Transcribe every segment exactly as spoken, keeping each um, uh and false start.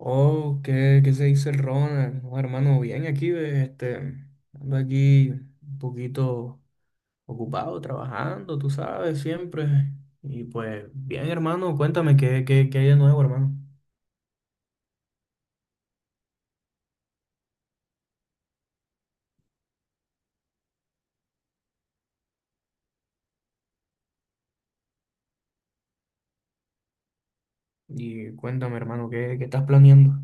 Oh, ¿qué, qué se dice el Ronald? Oh, hermano, bien aquí, ve, este, ando aquí un poquito ocupado, trabajando, tú sabes, siempre. Y pues, bien, hermano, cuéntame qué, qué, qué hay de nuevo, hermano. Y cuéntame, hermano, qué, qué estás planeando.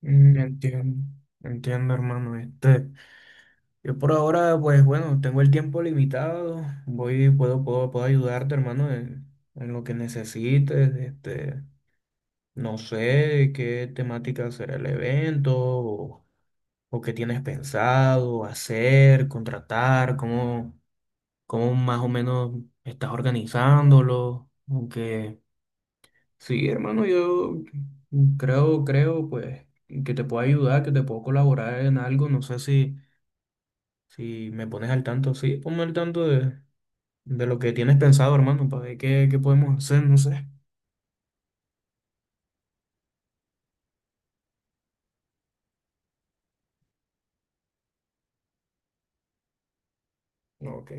Mm, Entiendo, entiendo, hermano. Este, yo por ahora, pues bueno, tengo el tiempo limitado. Voy, puedo, puedo, puedo ayudarte, hermano, en, en lo que necesites, este. No sé qué temática será el evento o, o qué tienes pensado hacer, contratar, cómo, cómo más o menos estás organizándolo. Aunque sí, hermano, yo creo, creo, pues, que te puedo ayudar, que te puedo colaborar en algo. No sé si, si me pones al tanto. Sí, ponme al tanto de, de lo que tienes pensado, hermano, para ver qué, qué podemos hacer, no sé. Ok.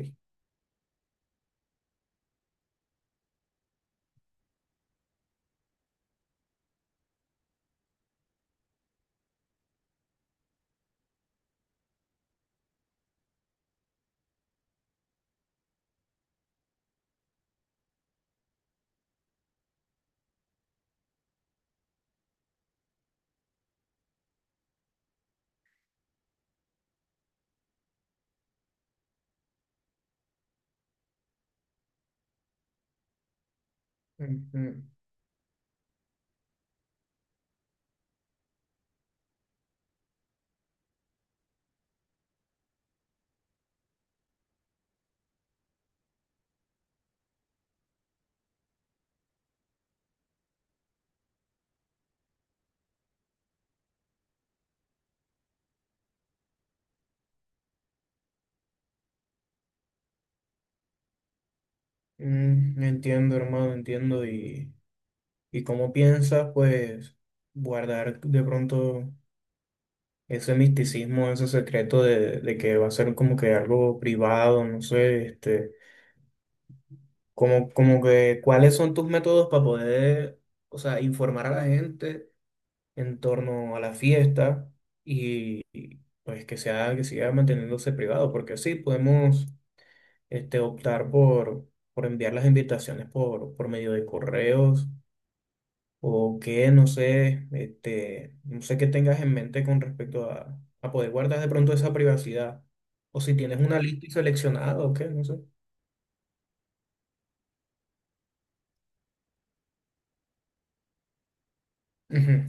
Ujú. Mm, entiendo, hermano, entiendo. Y... ¿Y cómo piensas, pues, guardar de pronto ese misticismo, ese secreto de, de que va a ser como que algo privado, no sé, este, como, como que, ¿cuáles son tus métodos para poder, o sea, informar a la gente en torno a la fiesta y, y, pues que sea, que siga manteniéndose privado? Porque sí, podemos, este, optar por, por enviar las invitaciones por, por medio de correos o qué, no sé, este, no sé qué tengas en mente con respecto a, a poder guardar de pronto esa privacidad, o si tienes una lista y seleccionada o qué, no sé. Ujú.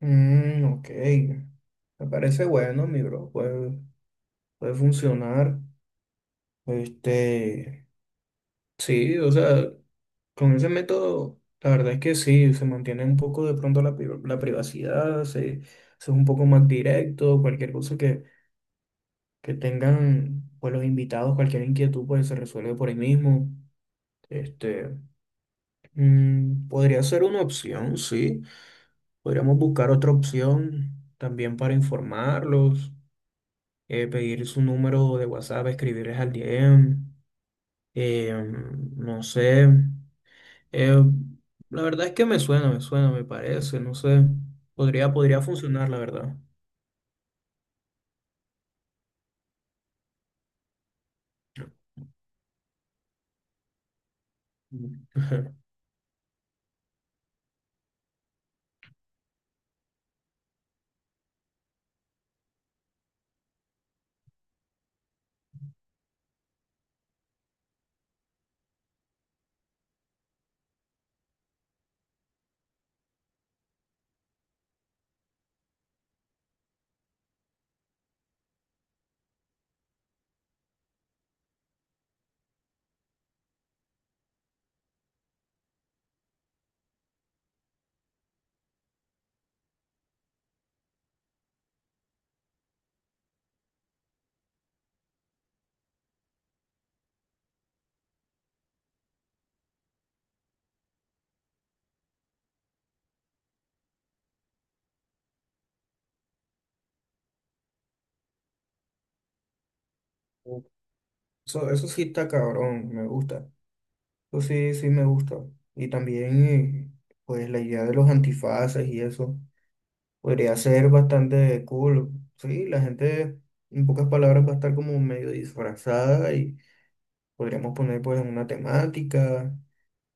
Mm, ok, me parece bueno, mi bro, puede, puede funcionar. Este, sí, o sea, con ese método, la verdad es que sí, se mantiene un poco de pronto la, pri- la privacidad, se, se es un poco más directo, cualquier cosa que tengan pues los invitados cualquier inquietud pues se resuelve por ahí mismo. Este, mm, podría ser una opción, sí. Podríamos buscar otra opción también para informarlos, eh, pedir su número de WhatsApp, escribirles al D M, eh, no sé. Eh, la verdad es que me suena, me suena, me parece, no sé. Podría, podría funcionar, la verdad. Eso, eso sí está cabrón, me gusta. Pues sí, sí me gusta. Y también, eh, pues la idea de los antifaces y eso podría ser bastante cool. Sí, la gente, en pocas palabras, va a estar como medio disfrazada y podríamos poner pues una temática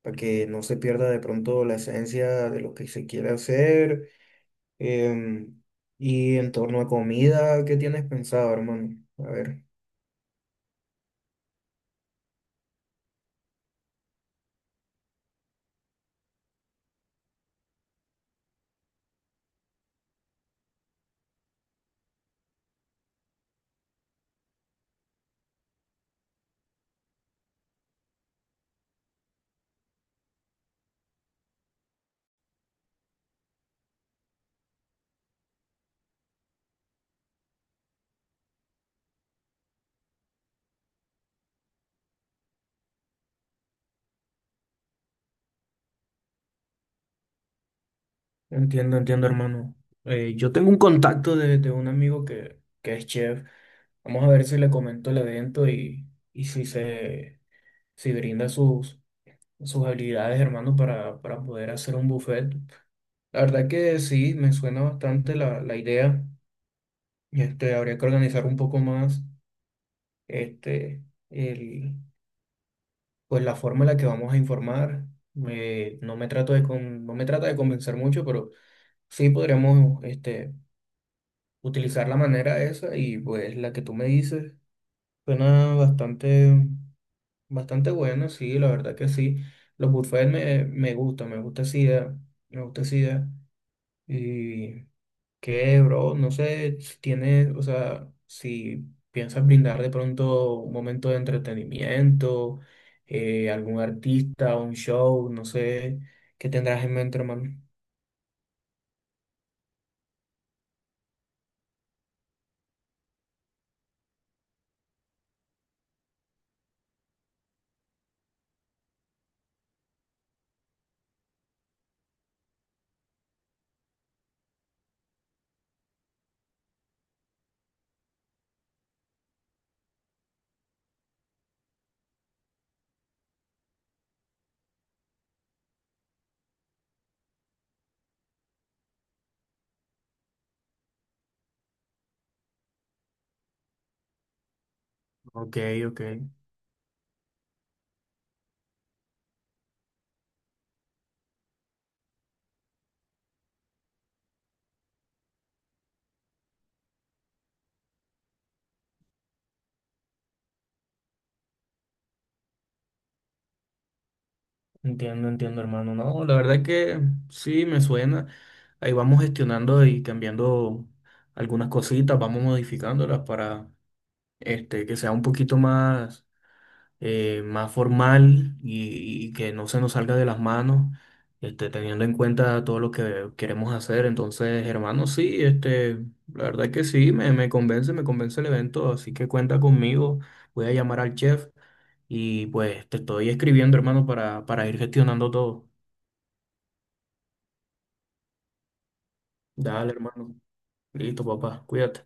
para que no se pierda de pronto la esencia de lo que se quiere hacer. Em, y en torno a comida, ¿qué tienes pensado, hermano? A ver. Entiendo, entiendo, hermano. Eh, yo tengo un contacto de, de un amigo que, que es chef. Vamos a ver si le comento el evento y, y si se si brinda sus, sus habilidades, hermano, para, para poder hacer un buffet. La verdad que sí, me suena bastante la, la idea. Este, habría que organizar un poco más este, el, pues la forma en la que vamos a informar. Me- no me trato de con- no me trata de convencer mucho, pero sí podríamos este, utilizar la manera esa y pues la que tú me dices suena bastante, bastante buena sí, la verdad que sí. Los buffets me, me gustan, me gusta esa idea, me gusta esa idea. Y qué, bro, no sé si tienes, o sea, si piensas brindar de pronto un momento de entretenimiento, eh, algún artista, un show, no sé, ¿qué tendrás en mente, hermano? Ok, ok. Entiendo, entiendo, hermano. No, la verdad que sí, me suena. Ahí vamos gestionando y cambiando algunas cositas, vamos modificándolas para este, que sea un poquito más eh, más formal y, y que no se nos salga de las manos, este, teniendo en cuenta todo lo que queremos hacer. Entonces, hermano, sí, este, la verdad es que sí, me, me convence, me convence el evento, así que cuenta conmigo, voy a llamar al chef y pues te estoy escribiendo, hermano, para, para ir gestionando todo. Dale, hermano. Listo, papá, cuídate.